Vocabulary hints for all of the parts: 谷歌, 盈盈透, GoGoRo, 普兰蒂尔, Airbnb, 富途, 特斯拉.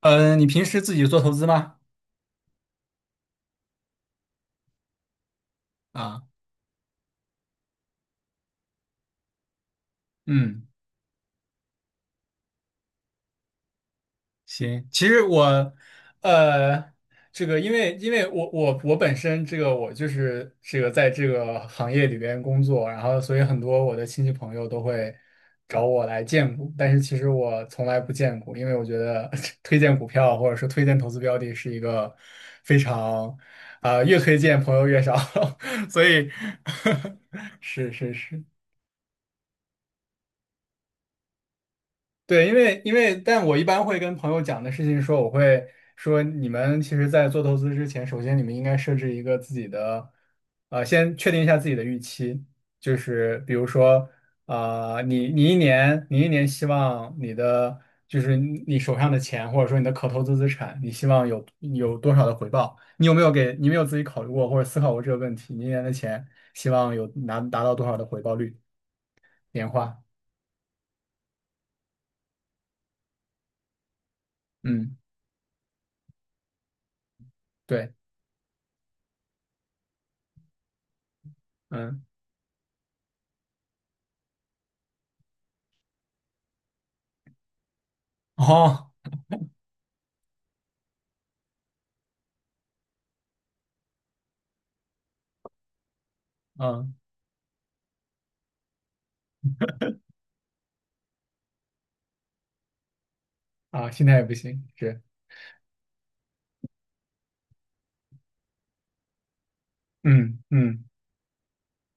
嗯，你平时自己做投资吗？啊，嗯，行。其实我，呃，这个因为我本身这个我就是这个在这个行业里边工作，然后所以很多我的亲戚朋友都会找我来荐股，但是其实我从来不荐股，因为我觉得 推荐股票或者说推荐投资标的是一个非常，啊，越推荐朋友越少，所以 是是是，对，因为，但我一般会跟朋友讲的事情说，我会说你们其实，在做投资之前，首先你们应该设置一个自己的，先确定一下自己的预期，就是比如说，啊、你一年希望你的就是你手上的钱，或者说你的可投资资产，你希望有多少的回报？你有没有自己考虑过或者思考过这个问题？你一年的钱希望有拿达到多少的回报率年化？嗯，对，嗯，哦。嗯啊，心态也不行，是，嗯嗯，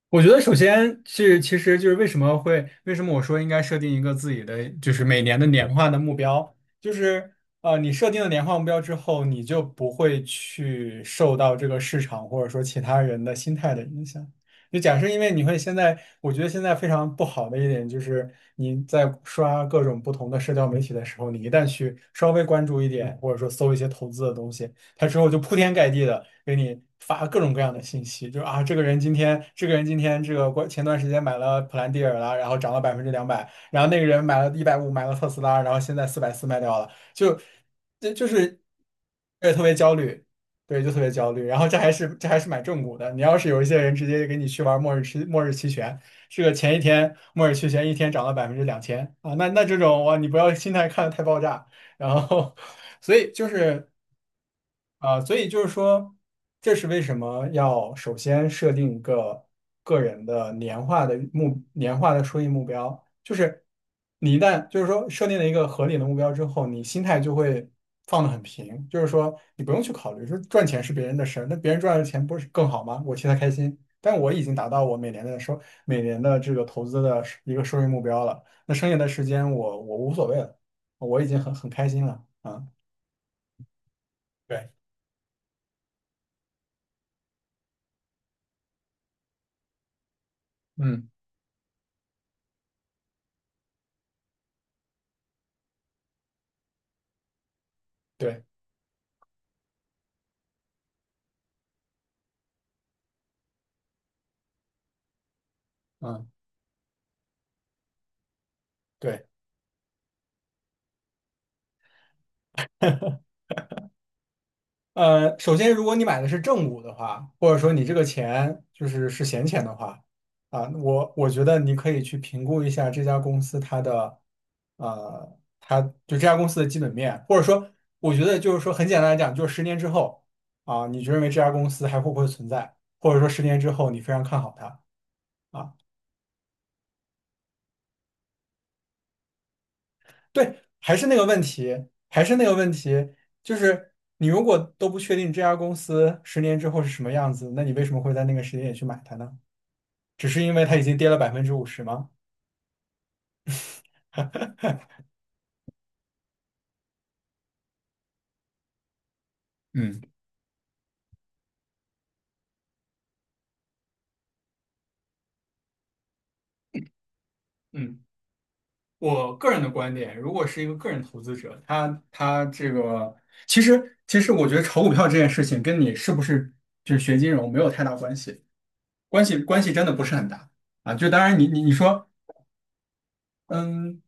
我觉得首先是，其实就是为什么会，为什么我说应该设定一个自己的，就是每年的年化的目标，就是你设定了年化目标之后，你就不会去受到这个市场或者说其他人的心态的影响。就假设，因为你会现在，我觉得现在非常不好的一点就是你在刷各种不同的社交媒体的时候，你一旦去稍微关注一点，或者说搜一些投资的东西。他之后就铺天盖地的给你发各种各样的信息，就是啊，这个人今天，这个人今天这个过前段时间买了普兰蒂尔啦，然后涨了200%，然后那个人买了一百五买了特斯拉，然后现在440卖掉了，就这就是也特别焦虑。对，就特别焦虑，然后这还是买正股的。你要是有一些人直接给你去玩末日期权，这个前一天末日期权一天涨了2000%啊，那那这种哇，你不要心态看的太爆炸，然后所以就是啊，所以就是说，这是为什么要首先设定一个个人的年化的收益目标，就是你一旦就是说设定了一个合理的目标之后，你心态就会放得很平，就是说你不用去考虑说赚钱是别人的事儿，那别人赚的钱不是更好吗？我替他开心，但我已经达到我每年的这个投资的一个收益目标了，那剩下的时间我无所谓了，我已经很开心了啊。对，嗯，对，嗯，对，呃，首先，如果你买的是正股的话，或者说你这个钱就是是闲钱的话，啊，我觉得你可以去评估一下这家公司它的，呃，这家公司的基本面，或者说，我觉得就是说很简单来讲，就是十年之后，啊，你就认为这家公司还会不会存在，或者说十年之后你非常看好它。啊。对，还是那个问题，还是那个问题，就是你如果都不确定这家公司十年之后是什么样子，那你为什么会在那个时间点去买它呢？只是因为它已经跌了百分之五十吗？嗯嗯，我个人的观点，如果是一个个人投资者，他这个其实我觉得炒股票这件事情跟你是不是就是学金融没有太大关系，关系真的不是很大啊。就当然你说，嗯。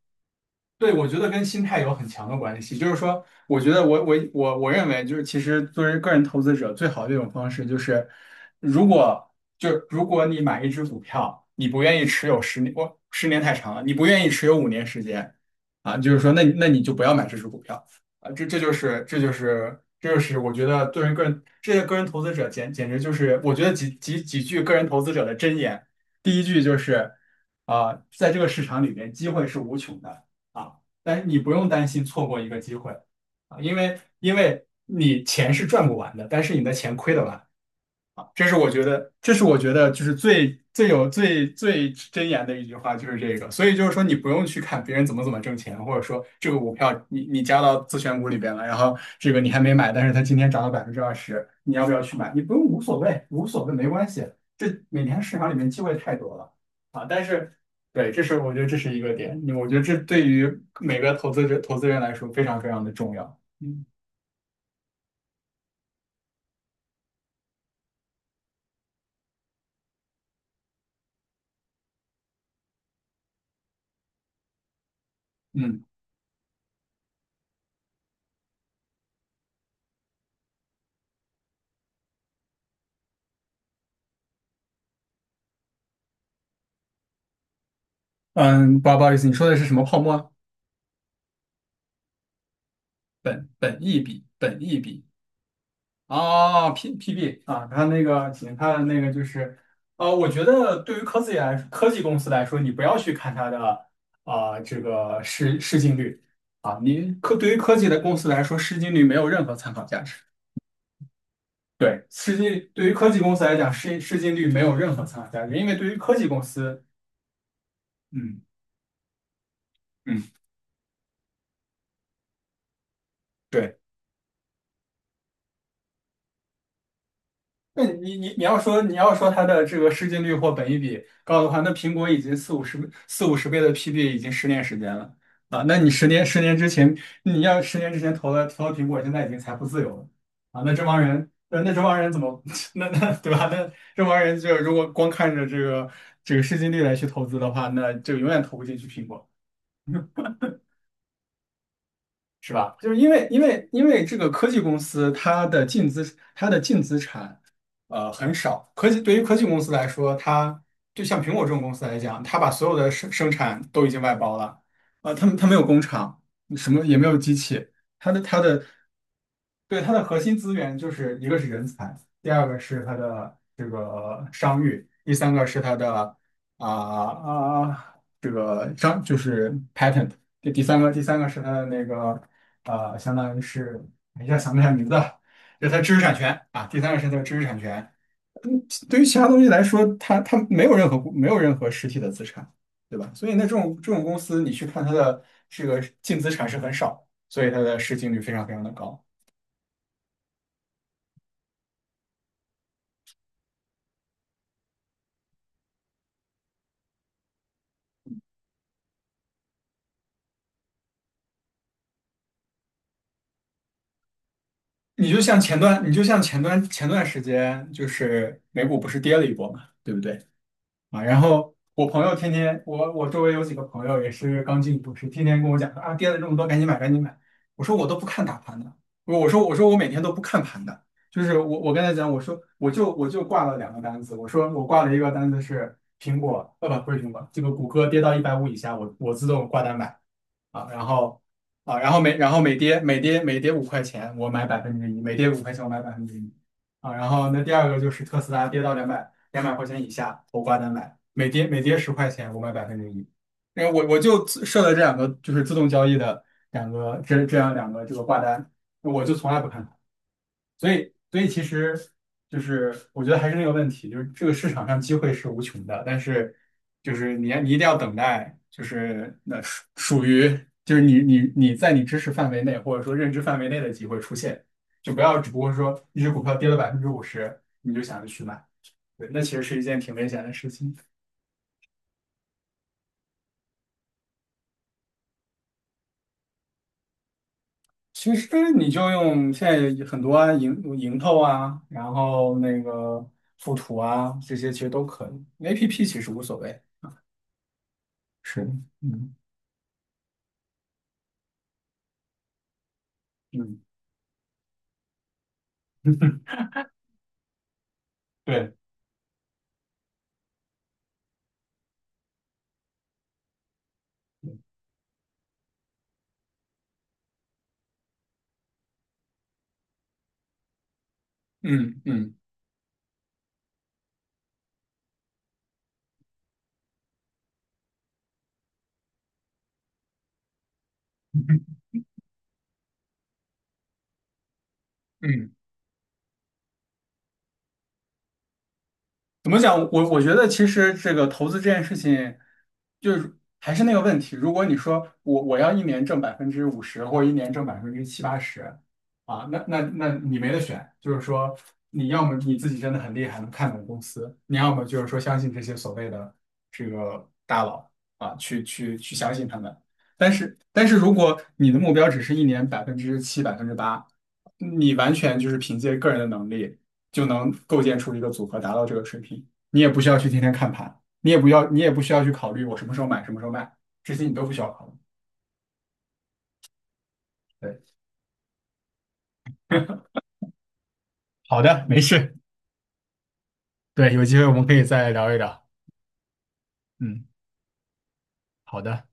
对，我觉得跟心态有很强的关系。就是说，我觉得我认为，就是其实作为个人投资者，最好的一种方式就是，如果你买一只股票，你不愿意持有十年，我十年太长了，你不愿意持有5年时间，啊，就是说那，那你就不要买这只股票啊。这就是我觉得作为个人，这些个人投资者简直就是我觉得几句个人投资者的箴言，第一句就是啊，在这个市场里面，机会是无穷的。啊，但是你不用担心错过一个机会啊，因为你钱是赚不完的，但是你的钱亏得完。啊这是我觉得，这是我觉得就是最最真言的一句话，就是这个。所以就是说，你不用去看别人怎么怎么挣钱，或者说这个股票你加到自选股里边了，然后这个你还没买，但是它今天涨了20%，你要不要去买？你不用，无所谓，无所谓，没关系。这每天市场里面机会太多了啊！但是，对，这是我觉得这是一个点，我觉得这对于每个投资者投资人来说非常非常的重要。嗯嗯嗯，不好意思，你说的是什么泡沫？本益比，本益比啊 PB 啊，它那个行，看那个就是，呃，我觉得对于科技公司来说，你不要去看它的啊、这个市净率，对于科技的公司来说，市净率没有任何参考价值。对，对于科技公司来讲，市净率没有任何参考价值，因为对于科技公司，嗯嗯。对。那你要说你要说它的这个市净率或本益比高的话，那苹果已经四五十倍的 PB 已经10年时间了啊。那你十年之前，你要十年之前投了苹果，现在已经财富自由了啊。那这帮人，那这帮人怎么 对吧？那这帮人就如果光看着这个市净率来去投资的话，那就永远投不进去苹果。是吧？就是因为这个科技公司它的净资产呃很少，科技对于科技公司来说，它就像苹果这种公司来讲，它把所有的生产都已经外包了，呃，他没有工厂，什么也没有机器，它的它的对它的核心资源就是一个是人才，第二个是它的这个商誉，第三个是它的啊啊、这个商就是 patent,第三个是它的那个。呃，相当于是，哎一下想不起来名字了，是它知识产权啊，第三个是它的知识产权。对于其他东西来说，它它没有没有任何实体的资产，对吧？所以那这种公司，你去看它的这个净资产是很少，所以它的市净率非常非常的高。你就像前段时间，就是美股不是跌了一波嘛，对不对？啊，然后我朋友天天，我周围有几个朋友也是刚进股市，天天跟我讲说啊，跌了这么多，赶紧买，赶紧买。我说我都不看大盘的，我说我每天都不看盘的，就是我跟他讲，我说我就挂了两个单子，我说我挂了一个单子是苹果，不是苹果，这个谷歌跌到一百五以下，我自动挂单买。啊，然后啊，然后每然后每跌五块钱，我买百分之一，每跌五块钱我买百分之一啊。然后那第二个就是特斯拉跌到200块钱以下，我挂单买，每跌10块钱我买百分之一。因为我就自设了这两个就是自动交易的两个这这样两个这个挂单，我就从来不看。所以，所以其实就是我觉得还是那个问题，就是这个市场上机会是无穷的，但是就是你一定要等待，就是那属于就是你在你知识范围内或者说认知范围内的机会出现，就不要只不过说一只股票跌了百分之五十，你就想着去买，对，那其实是一件挺危险的事情。其实你就用现在有很多啊，盈透啊，然后那个富途啊，这些其实都可以。APP 其实无所谓，是的，嗯嗯，对，嗯嗯嗯，怎么讲？我觉得其实这个投资这件事情，就是还是那个问题。如果你说我要一年挣百分之五十，或者一年挣百分之七八十，啊，那你没得选。就是说，你要么你自己真的很厉害，能看懂公司；你要么就是说相信这些所谓的这个大佬啊，去相信他们。但是如果你的目标只是一年百分之七、8%。你完全就是凭借个人的能力就能构建出一个组合，达到这个水平。你也不需要去天天看盘，你也不要，你也不需要去考虑我什么时候买，什么时候卖，这些你都不需要考虑。对，好的，没事。对，有机会我们可以再聊一聊。嗯，好的。